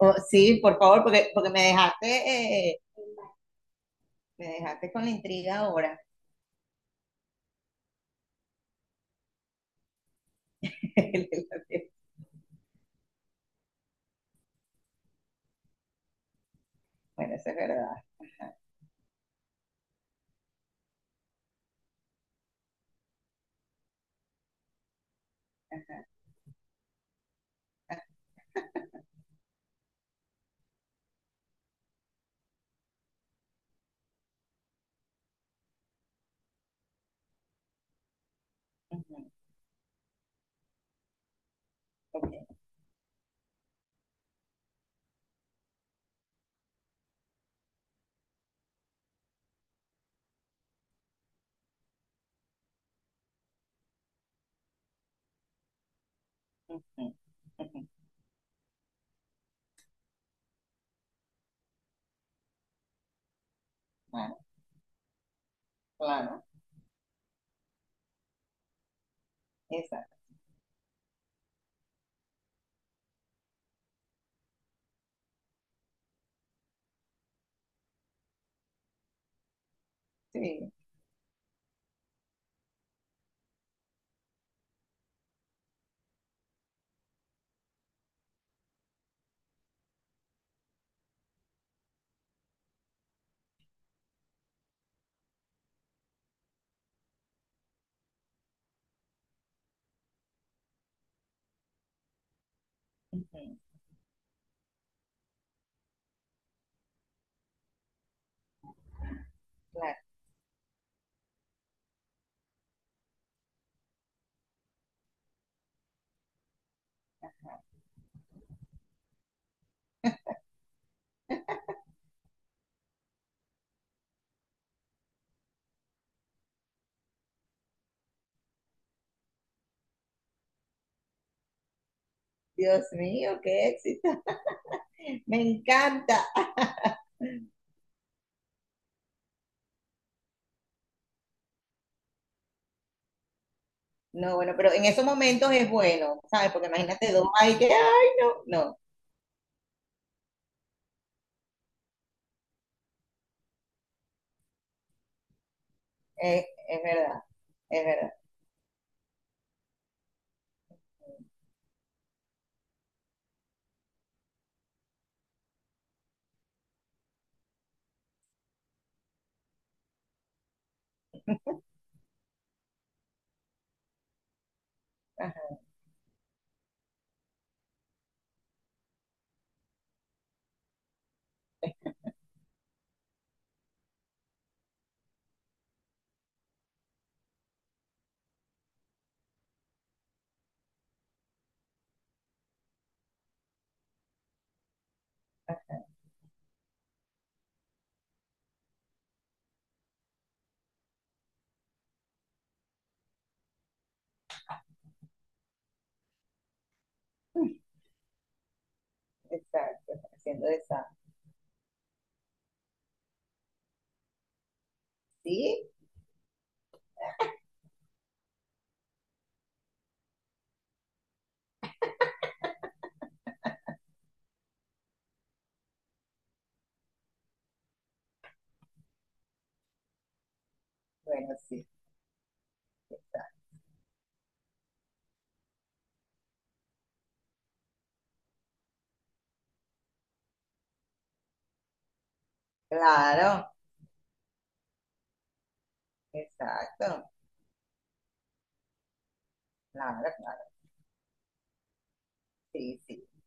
Oh, sí, por favor, porque me dejaste con la intriga ahora. Bueno, eso es verdad. Ajá, ujú, ok, ujú, ujú. Claro, claro, exacto, sí, ujú, claro. Dios mío, qué éxito. Me encanta. No, bueno, pero en esos momentos es bueno, ¿sabes? Porque imagínate dos ahí que, ay, no, no, es verdad, es verdad. Ajá, exacto, haciendo esa. Sí, bueno, sí, claro, exacto. Claro, claro, sí, sí.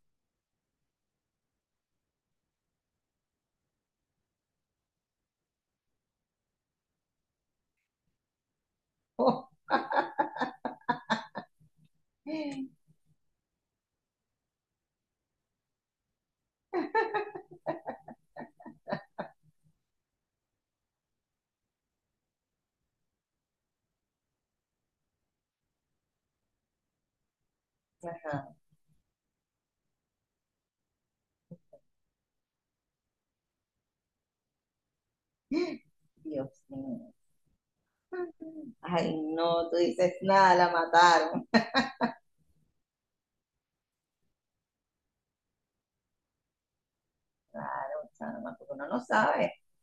Oh, ajá. Dios mío. Ay, no, tú dices nada, la mataron. Claro, chama, porque uno no sabe.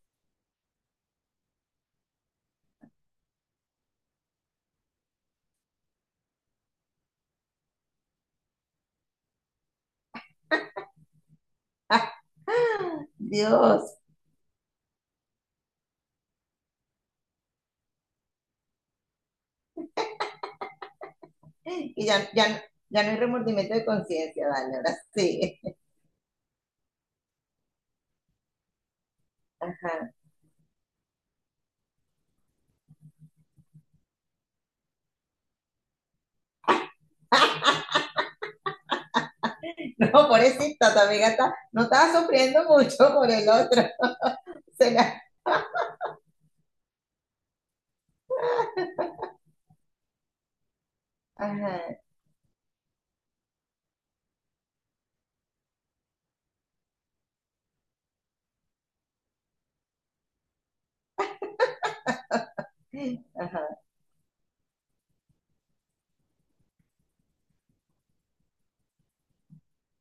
Ah, ah, Dios. Y ya, ya, no- ya no hay remordimiento de conciencia, dale, ahora sí. Ajá. No, pobrecita, tu amiga está, no estaba sufriendo mucho por el otro. Se la- ajá, ajá,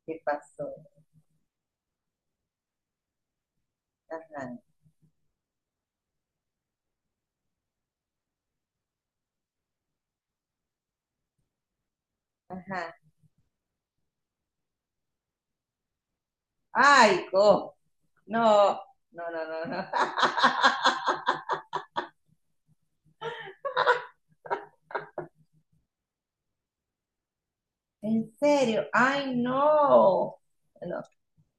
¿qué pasó? Ajá, ajá. Ay, co. No, no, no, no, no. En serio, ay no. No,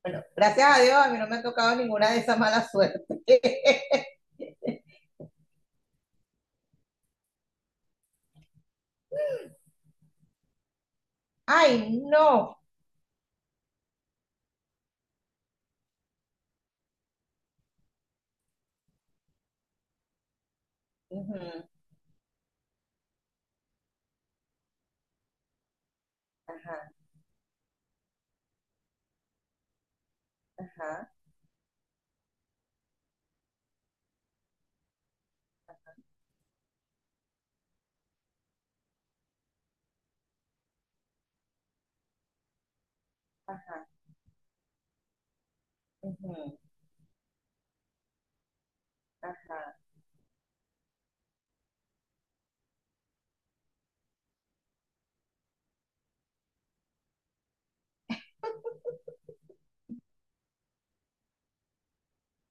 bueno, gracias a Dios a mí no me ha tocado ninguna de esas malas suertes. Ay no. Ujú, ajá, ajá, ajá, ujú, ajá.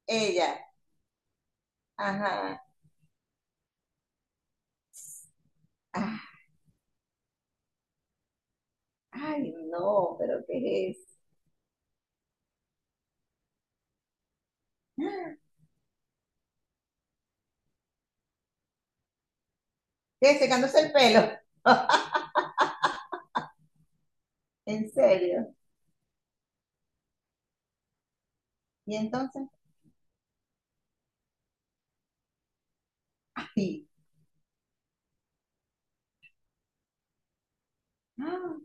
Ella, ajá. Ah, ay no, pero ¿qué es? ¿Qué? Secándose el pelo. En serio. Y entonces, ay. Ah,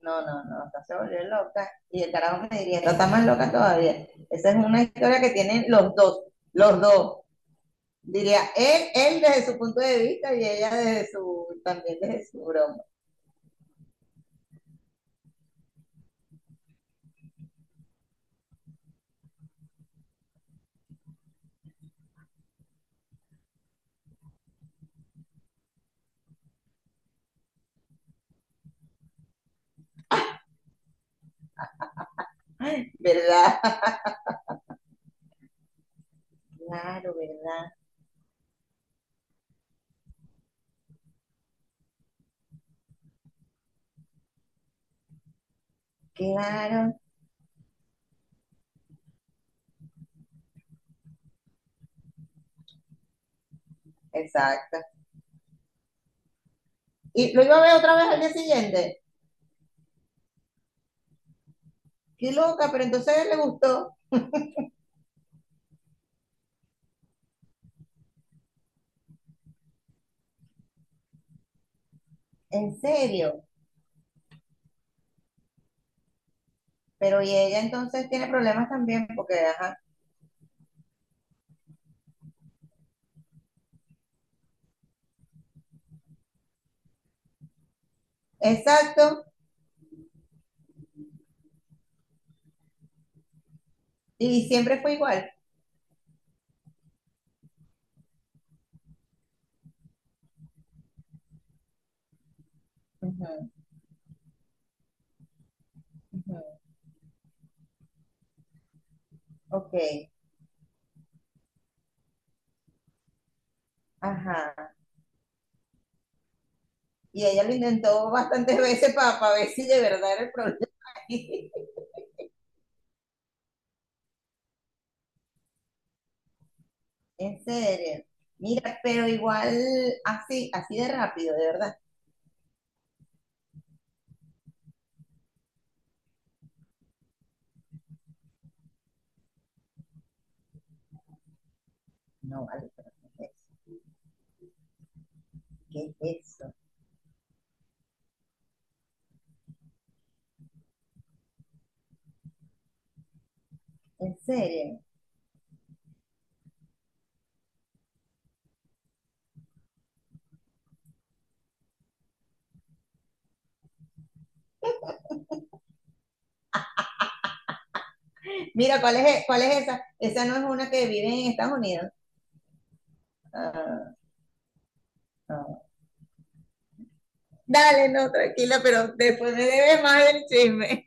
no, no, no, está se volvió loca. Y el carajo me diría, "Esta está más loca todavía. Esa es una historia que tienen los dos, los dos. Diría, él desde su punto de vista y ella desde su, también desde su broma. ¿Verdad? Claro, ¿verdad? Claro. Exacto. Y lo iba a ver otra vez al día siguiente. Qué loca, pero entonces a él le gustó. En serio. Pero y ella entonces tiene problemas también porque, ajá. Exacto. Y siempre fue igual. Ujú, ujú. Ok. Ajá. Y ella lo intentó bastantes veces para ver si de verdad era el problema. En serio. Mira, pero igual así, así de rápido, de verdad. No, vale, pero ¿qué es eso? En serio. Mira, ¿cuál es esa? Esa no es una que vive en Estados Unidos. Ah, ah. Dale, no, tranquila, pero después me debes más del chisme.